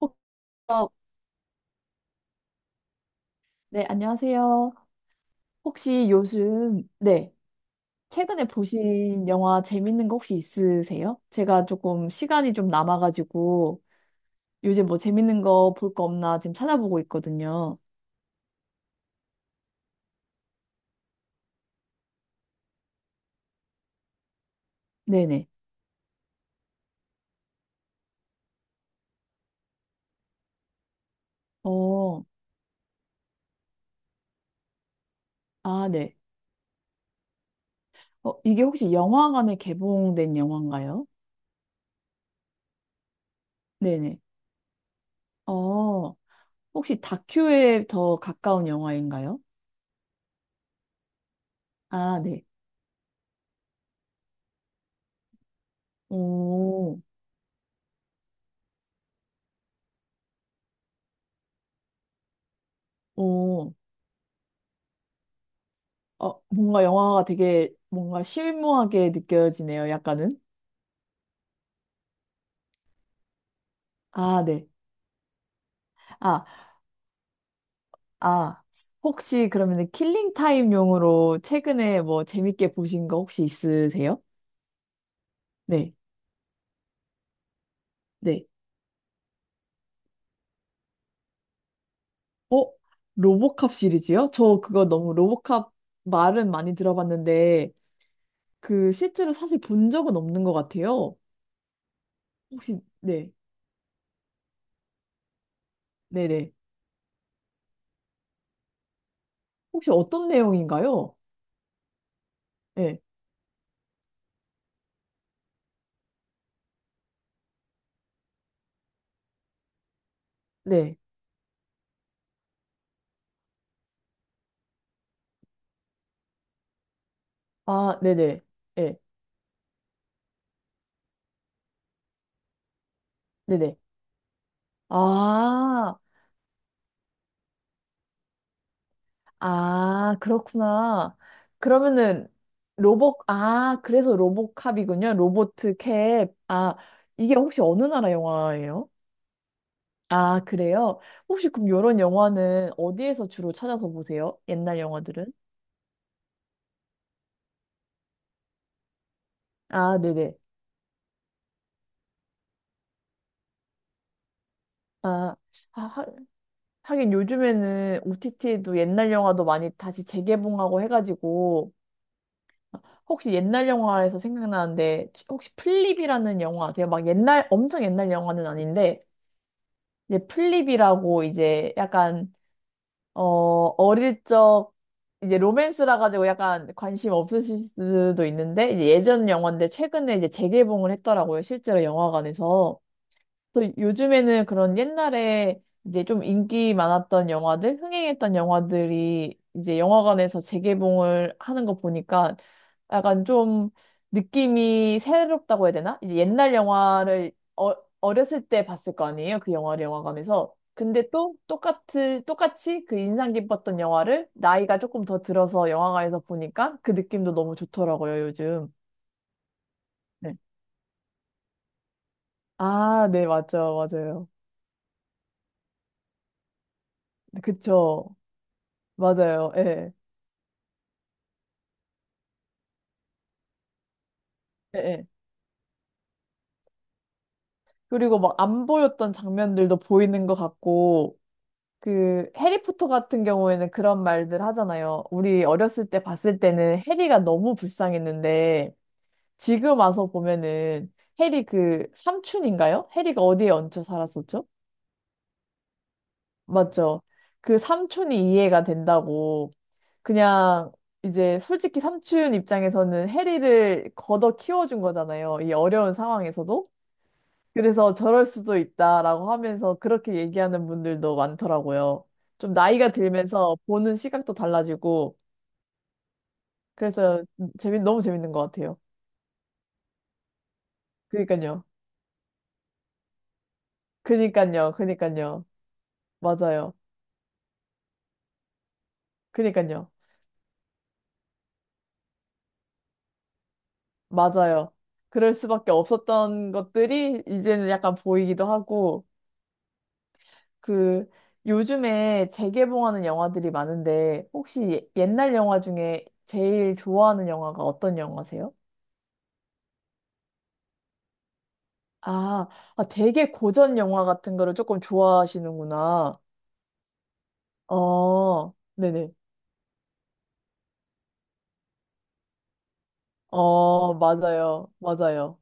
혹- 어, 네, 안녕하세요. 혹시 요즘, 네, 최근에 보신 영화 재밌는 거 혹시 있으세요? 제가 조금 시간이 좀 남아가지고 요즘 뭐 재밌는 거 볼 거 없나 지금 찾아보고 있거든요. 네네. 어, 아, 네. 어, 이게 혹시 영화관에 개봉된 영화인가요? 네네. 어, 혹시 다큐에 더 가까운 영화인가요? 아, 네. 오, 오. 어, 뭔가 영화가 되게 뭔가 실무하게 느껴지네요, 약간은. 아, 네. 아, 아, 혹시 그러면 킬링 타임용으로 최근에 뭐 재밌게 보신 거 혹시 있으세요? 네, 네. 어? 로보캅 시리즈요? 저 그거 너무 로보캅 말은 많이 들어봤는데 그 실제로 사실 본 적은 없는 것 같아요. 혹시, 네, 네 네. 혹시 어떤 내용인가요? 네, 네. 아, 네네. 네, 네네. 아, 아, 그렇구나. 그러면은 로봇, 아, 그래서 로봇캅이군요. 로보트 캡. 아, 이게 혹시 어느 나라 영화예요? 아, 그래요? 혹시 그럼 이런 영화는 어디에서 주로 찾아서 보세요? 옛날 영화들은? 아, 네네. 아, 아, 하긴 요즘에는 OTT에도 옛날 영화도 많이 다시 재개봉하고 해가지고 혹시 옛날 영화에서 생각나는데 혹시 플립이라는 영화 아세요? 막 옛날, 엄청 옛날 영화는 아닌데 이제 플립이라고 이제 약간 어 어릴 적 이제 로맨스라 가지고 약간 관심 없으실 수도 있는데 이제 예전 영화인데 최근에 이제 재개봉을 했더라고요. 실제로 영화관에서. 또 요즘에는 그런 옛날에 이제 좀 인기 많았던 영화들, 흥행했던 영화들이 이제 영화관에서 재개봉을 하는 거 보니까 약간 좀 느낌이 새롭다고 해야 되나? 이제 옛날 영화를 어, 어렸을 때 봤을 거 아니에요? 그 영화를 영화관에서. 근데 또 똑같이, 똑같이 그 인상 깊었던 영화를 나이가 조금 더 들어서 영화관에서 보니까 그 느낌도 너무 좋더라고요, 요즘. 네. 아, 네, 맞죠, 맞아요. 그쵸. 맞아요. 예. 예, 예. 그리고 막 안 보였던 장면들도 보이는 것 같고, 그, 해리포터 같은 경우에는 그런 말들 하잖아요. 우리 어렸을 때 봤을 때는 해리가 너무 불쌍했는데, 지금 와서 보면은 해리 그 삼촌인가요? 해리가 어디에 얹혀 살았었죠? 맞죠? 그 삼촌이 이해가 된다고, 그냥 이제 솔직히 삼촌 입장에서는 해리를 걷어 키워준 거잖아요. 이 어려운 상황에서도. 그래서 저럴 수도 있다라고 하면서 그렇게 얘기하는 분들도 많더라고요. 좀 나이가 들면서 보는 시각도 달라지고, 그래서 너무 재밌는 것 같아요. 그니까요. 그니까요. 그니까요. 맞아요. 그니까요. 맞아요. 그럴 수밖에 없었던 것들이 이제는 약간 보이기도 하고, 그, 요즘에 재개봉하는 영화들이 많은데, 혹시 옛날 영화 중에 제일 좋아하는 영화가 어떤 영화세요? 아, 아, 되게 고전 영화 같은 거를 조금 좋아하시는구나. 어, 네네. 어, 맞아요. 맞아요.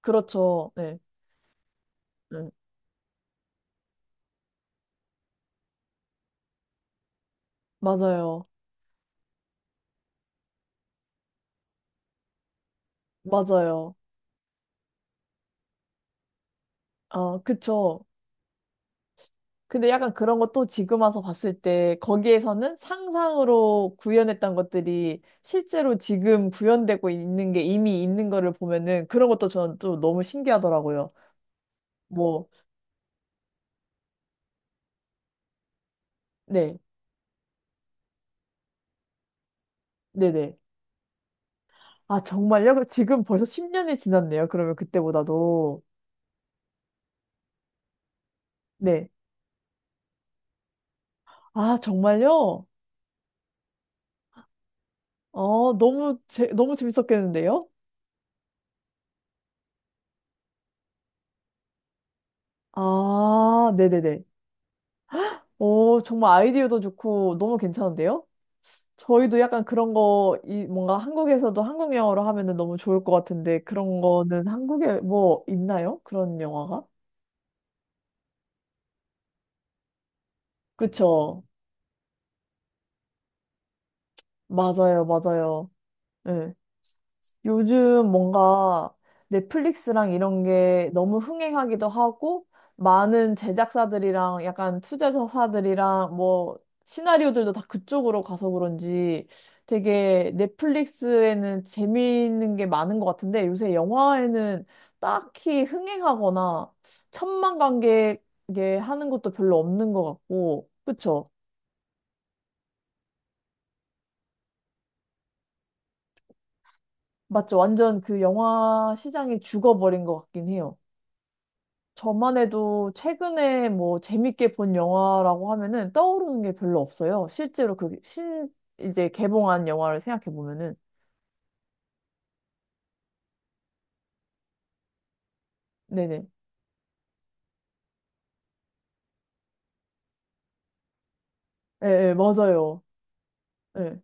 그렇죠. 네. 네. 맞아요. 맞아요. 어, 그쵸. 근데 약간 그런 것도 지금 와서 봤을 때 거기에서는 상상으로 구현했던 것들이 실제로 지금 구현되고 있는 게 이미 있는 거를 보면은 그런 것도 저는 또 너무 신기하더라고요. 뭐, 네. 네네. 아, 정말요? 그 지금 벌써 10년이 지났네요. 그러면 그때보다도. 네. 아, 정말요? 어, 너무, 너무 재밌었겠는데요? 아, 네네네. 오, 정말 아이디어도 좋고 너무 괜찮은데요? 저희도 약간 그런 거, 이, 뭔가 한국에서도 한국 영화로 하면은 너무 좋을 것 같은데 그런 거는 한국에 뭐 있나요? 그런 영화가? 그쵸. 맞아요, 맞아요. 예. 요즘 뭔가 넷플릭스랑 이런 게 너무 흥행하기도 하고, 많은 제작사들이랑 약간 투자사들이랑 뭐, 시나리오들도 다 그쪽으로 가서 그런지 되게 넷플릭스에는 재미있는 게 많은 것 같은데, 요새 영화에는 딱히 흥행하거나 천만 관객에 하는 것도 별로 없는 것 같고, 그쵸? 맞죠? 완전 그 영화 시장이 죽어버린 것 같긴 해요. 저만 해도 최근에 뭐 재밌게 본 영화라고 하면은 떠오르는 게 별로 없어요. 실제로 이제 개봉한 영화를 생각해 보면은. 네네. 예, 예, 맞아요. 예,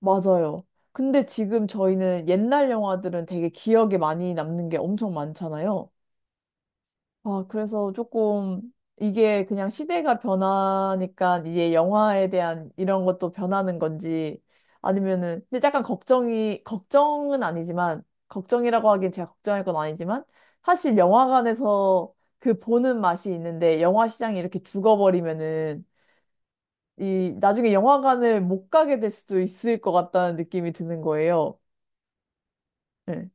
맞아요. 근데 지금 저희는 옛날 영화들은 되게 기억에 많이 남는 게 엄청 많잖아요. 아, 그래서 조금 이게 그냥 시대가 변하니까 이제 영화에 대한 이런 것도 변하는 건지 아니면은 근데 약간 걱정이 걱정은 아니지만 걱정이라고 하긴 제가 걱정할 건 아니지만 사실 영화관에서 그 보는 맛이 있는데 영화 시장이 이렇게 죽어버리면은 이 나중에 영화관을 못 가게 될 수도 있을 것 같다는 느낌이 드는 거예요. 예,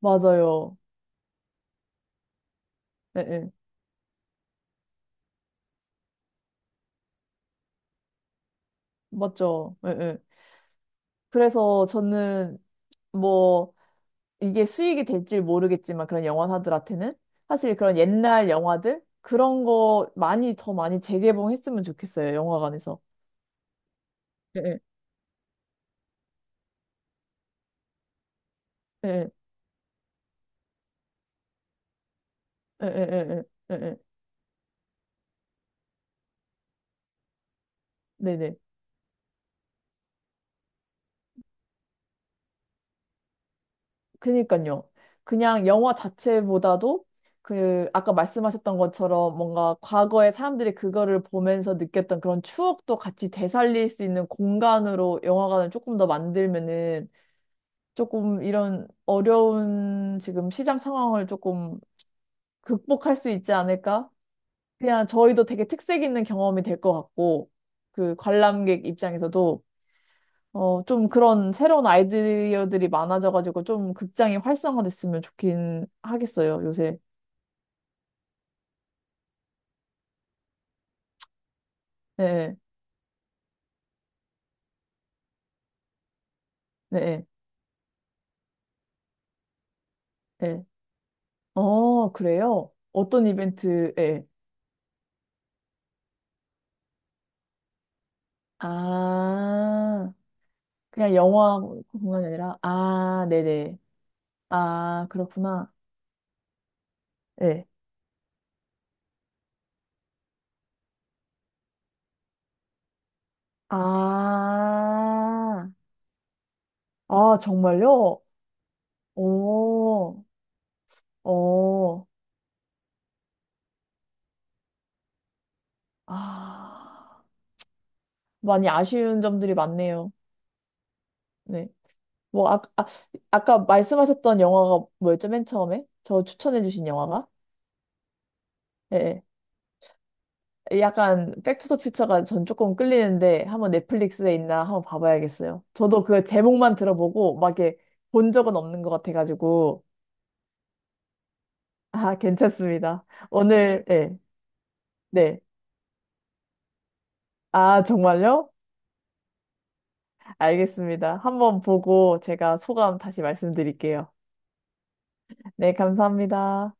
맞아요. 예, 예, 맞죠. 예, 예. 그래서 저는 뭐 이게 수익이 될지 모르겠지만 그런 영화사들한테는 사실 그런 옛날 영화들 그런 거 많이 더 많이 재개봉했으면 좋겠어요. 영화관에서. 예, 예, 예, 예, 예, 예, 예, 예. 예, 예. 네네. 그니까요. 그냥 영화 자체보다도 그 아까 말씀하셨던 것처럼 뭔가 과거에 사람들이 그거를 보면서 느꼈던 그런 추억도 같이 되살릴 수 있는 공간으로 영화관을 조금 더 만들면은 조금 이런 어려운 지금 시장 상황을 조금 극복할 수 있지 않을까? 그냥 저희도 되게 특색 있는 경험이 될 것 같고, 그 관람객 입장에서도, 어, 좀 그런 새로운 아이디어들이 많아져가지고 좀 극장이 활성화됐으면 좋긴 하겠어요, 요새. 네, 네, 네. 어, 그래요? 어떤 이벤트에? 아, 그냥 영화 공간이 아니라, 아, 네네. 아, 그렇구나. 네. 아, 아, 정말요? 오. 어, 아, 많이 아쉬운 점들이 많네요. 네. 뭐, 아, 아, 아까 말씀하셨던 영화가 뭐였죠, 맨 처음에? 저 추천해주신 영화가? 예. 예. 약간, 백투더퓨처가 전 조금 끌리는데, 한번 넷플릭스에 있나 한번 봐봐야겠어요. 저도 그 제목만 들어보고, 막 이렇게 본 적은 없는 것 같아가지고, 아, 괜찮습니다. 오늘, 예. 네. 아, 정말요? 알겠습니다. 한번 보고 제가 소감 다시 말씀드릴게요. 네, 감사합니다.